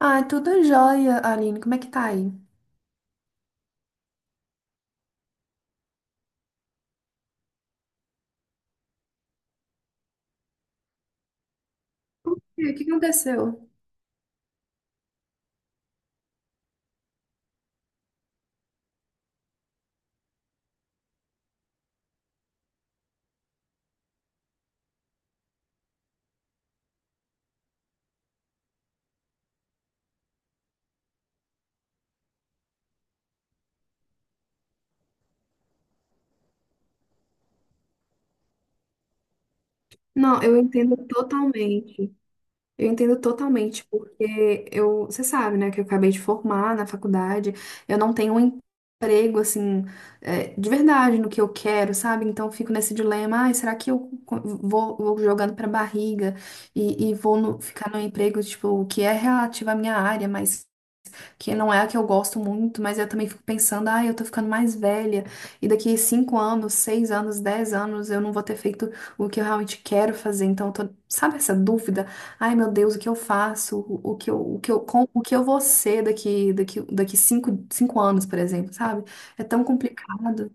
Ah, tudo jóia, Aline. Como é que tá aí? E aí, o que aconteceu? Não, eu entendo totalmente. Eu entendo totalmente, porque você sabe, né, que eu acabei de formar na faculdade, eu não tenho um emprego, assim, de verdade no que eu quero, sabe? Então eu fico nesse dilema, ai, será que eu vou jogando pra barriga e vou ficar no emprego, tipo, que é relativo à minha área, mas que não é a que eu gosto muito, mas eu também fico pensando, ah, eu tô ficando mais velha, e daqui 5 anos, 6 anos, 10 anos, eu não vou ter feito o que eu realmente quero fazer. Então, eu tô, sabe essa dúvida? Ai, meu Deus, o que eu faço? O que eu vou ser daqui 5 anos, por exemplo, sabe? É tão complicado.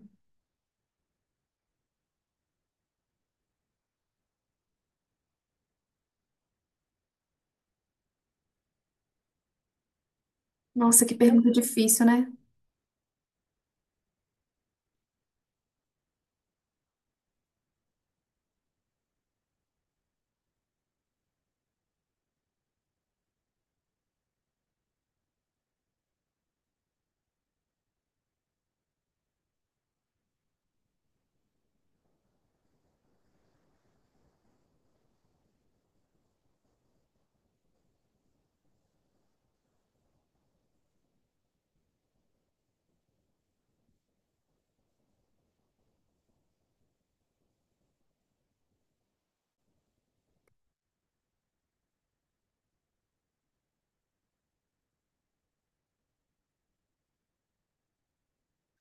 Nossa, que pergunta difícil, né?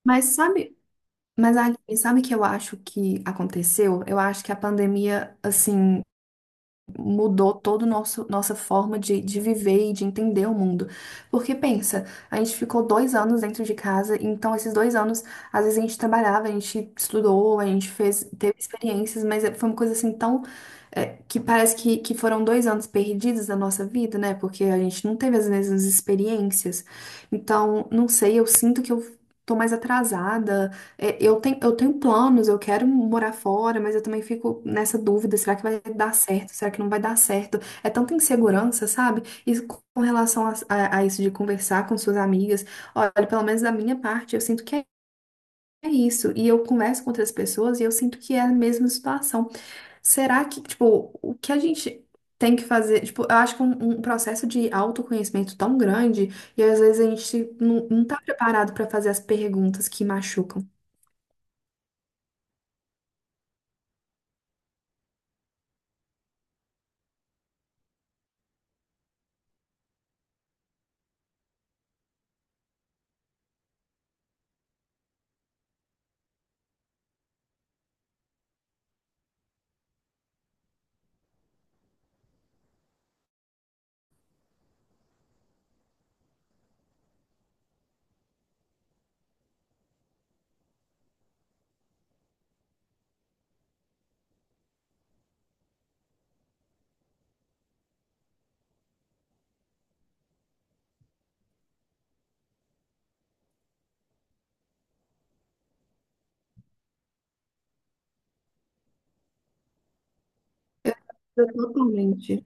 Mas sabe, mas Aline, sabe o que eu acho que aconteceu? Eu acho que a pandemia, assim, mudou toda nossa forma de viver e de entender o mundo. Porque pensa, a gente ficou 2 anos dentro de casa, então esses 2 anos, às vezes a gente trabalhava, a gente estudou, a gente fez, teve experiências, mas foi uma coisa assim tão. Que parece que foram 2 anos perdidos da nossa vida, né? Porque a gente não teve as mesmas experiências. Então, não sei, eu sinto que eu tô mais atrasada. Eu tenho planos, eu quero morar fora, mas eu também fico nessa dúvida, será que vai dar certo? Será que não vai dar certo? É tanta insegurança, sabe? E com relação a isso de conversar com suas amigas, olha, pelo menos da minha parte, eu sinto que é isso. E eu converso com outras pessoas e eu sinto que é a mesma situação. Será que, tipo, o que a gente tem que fazer? Tipo, eu acho que um processo de autoconhecimento tão grande, e às vezes a gente não tá preparado para fazer as perguntas que machucam. Totalmente.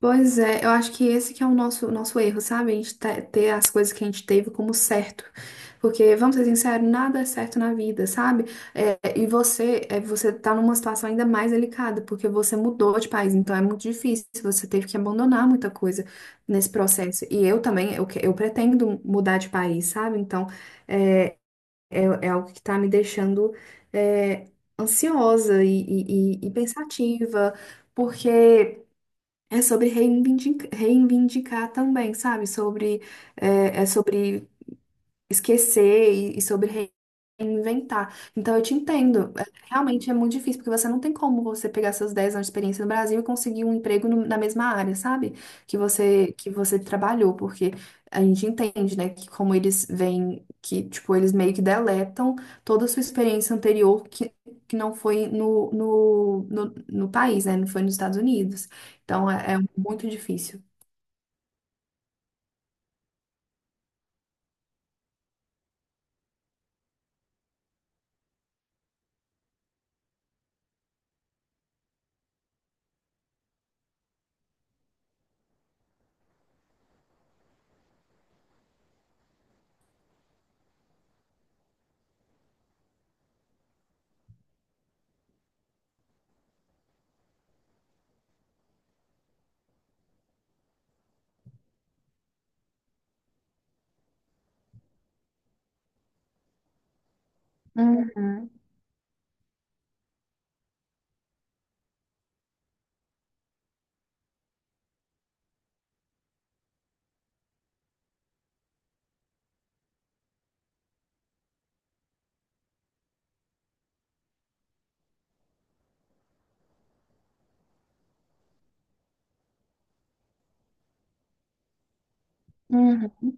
Pois é, eu acho que esse que é o nosso erro, sabe? A gente ter as coisas que a gente teve como certo. Porque, vamos ser sinceros, nada é certo na vida, sabe? E você, você tá numa situação ainda mais delicada, porque você mudou de país, então é muito difícil, você teve que abandonar muita coisa nesse processo. E eu também, eu pretendo mudar de país, sabe? Então, é, é algo que tá me deixando, é, ansiosa e pensativa, porque. É sobre reivindicar, reivindicar também, sabe? Sobre, é sobre esquecer e sobre reinventar. Então eu te entendo. Realmente é muito difícil, porque você não tem como você pegar seus 10 anos de experiência no Brasil e conseguir um emprego na mesma área, sabe? Que você trabalhou, porque a gente entende, né, que como eles vêm, que tipo, eles meio que deletam toda a sua experiência anterior que não foi no país, né? Não foi nos Estados Unidos. Então é muito difícil. Uhum, uhum,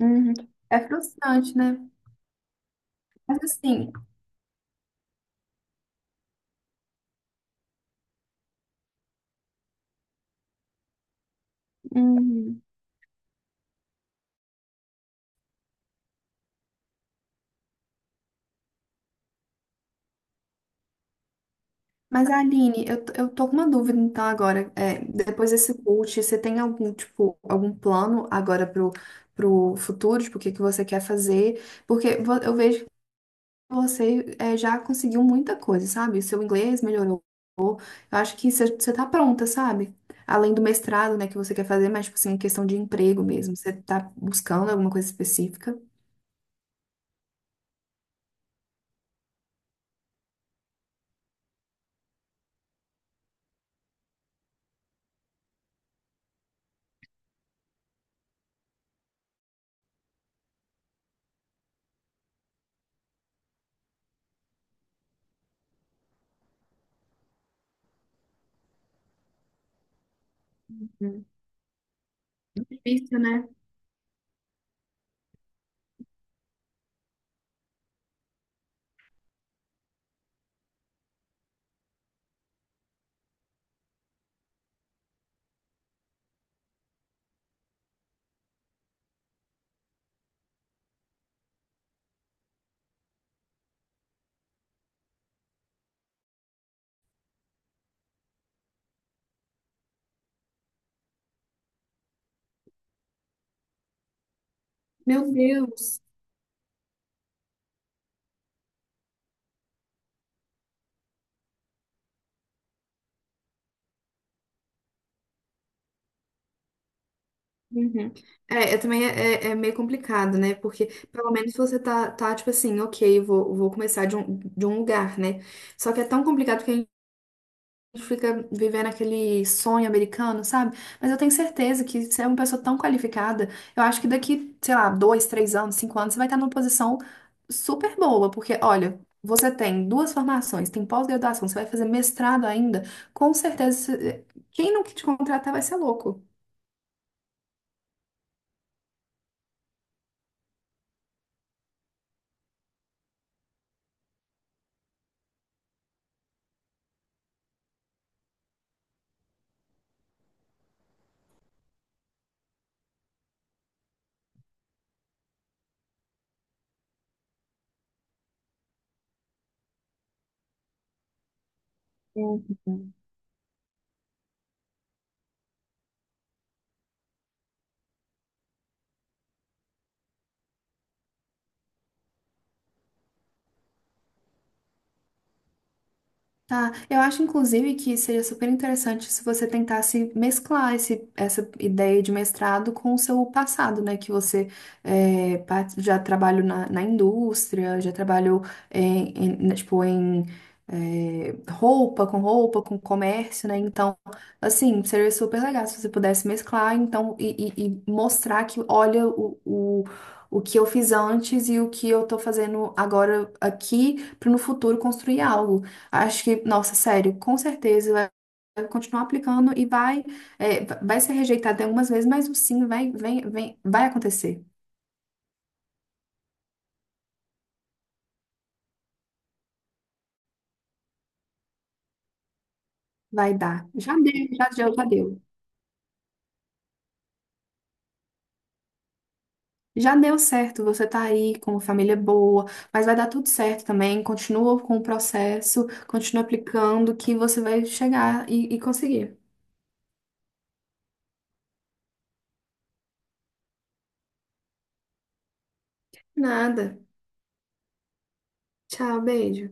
uhum. É frustrante, né? Mas assim, Uhum. Mas Aline, eu tô com uma dúvida então agora. Depois desse coach, você tem algum tipo, algum plano agora pro futuro, tipo, o que que você quer fazer? Porque eu vejo que você já conseguiu muita coisa, sabe? Seu inglês melhorou. Eu acho que você tá pronta, sabe? Além do mestrado, né, que você quer fazer, mas tipo assim, questão de emprego mesmo. Você tá buscando alguma coisa específica? Hum. Difícil, né? Meu Deus! Uhum. É também é meio complicado, né? Porque pelo menos você tá tipo assim, ok, vou começar de um lugar, né? Só que é tão complicado que a gente fica vivendo aquele sonho americano, sabe? Mas eu tenho certeza que você é uma pessoa tão qualificada, eu acho que daqui, sei lá, 2, 3 anos, 5 anos, você vai estar numa posição super boa, porque olha. Você tem duas formações, tem pós-graduação, você vai fazer mestrado ainda, com certeza, quem não te contratar vai ser louco. Tá, eu acho inclusive que seria super interessante se você tentasse mesclar esse, essa ideia de mestrado com o seu passado, né? Que você já trabalhou na indústria, já trabalhou né, tipo, em roupa, com comércio, né? Então, assim, seria super legal se você pudesse mesclar, então, e mostrar que, olha, o que eu fiz antes e o que eu tô fazendo agora aqui, para no futuro construir algo. Acho que, nossa, sério, com certeza vai continuar aplicando e vai, vai ser rejeitado algumas vezes, mas o sim vai, vem, vem, vai acontecer, vai dar. Já deu, já deu, já deu. Já deu certo, você tá aí com uma família boa, mas vai dar tudo certo também. Continua com o processo, continua aplicando, que você vai chegar e conseguir. Nada. Tchau, beijo.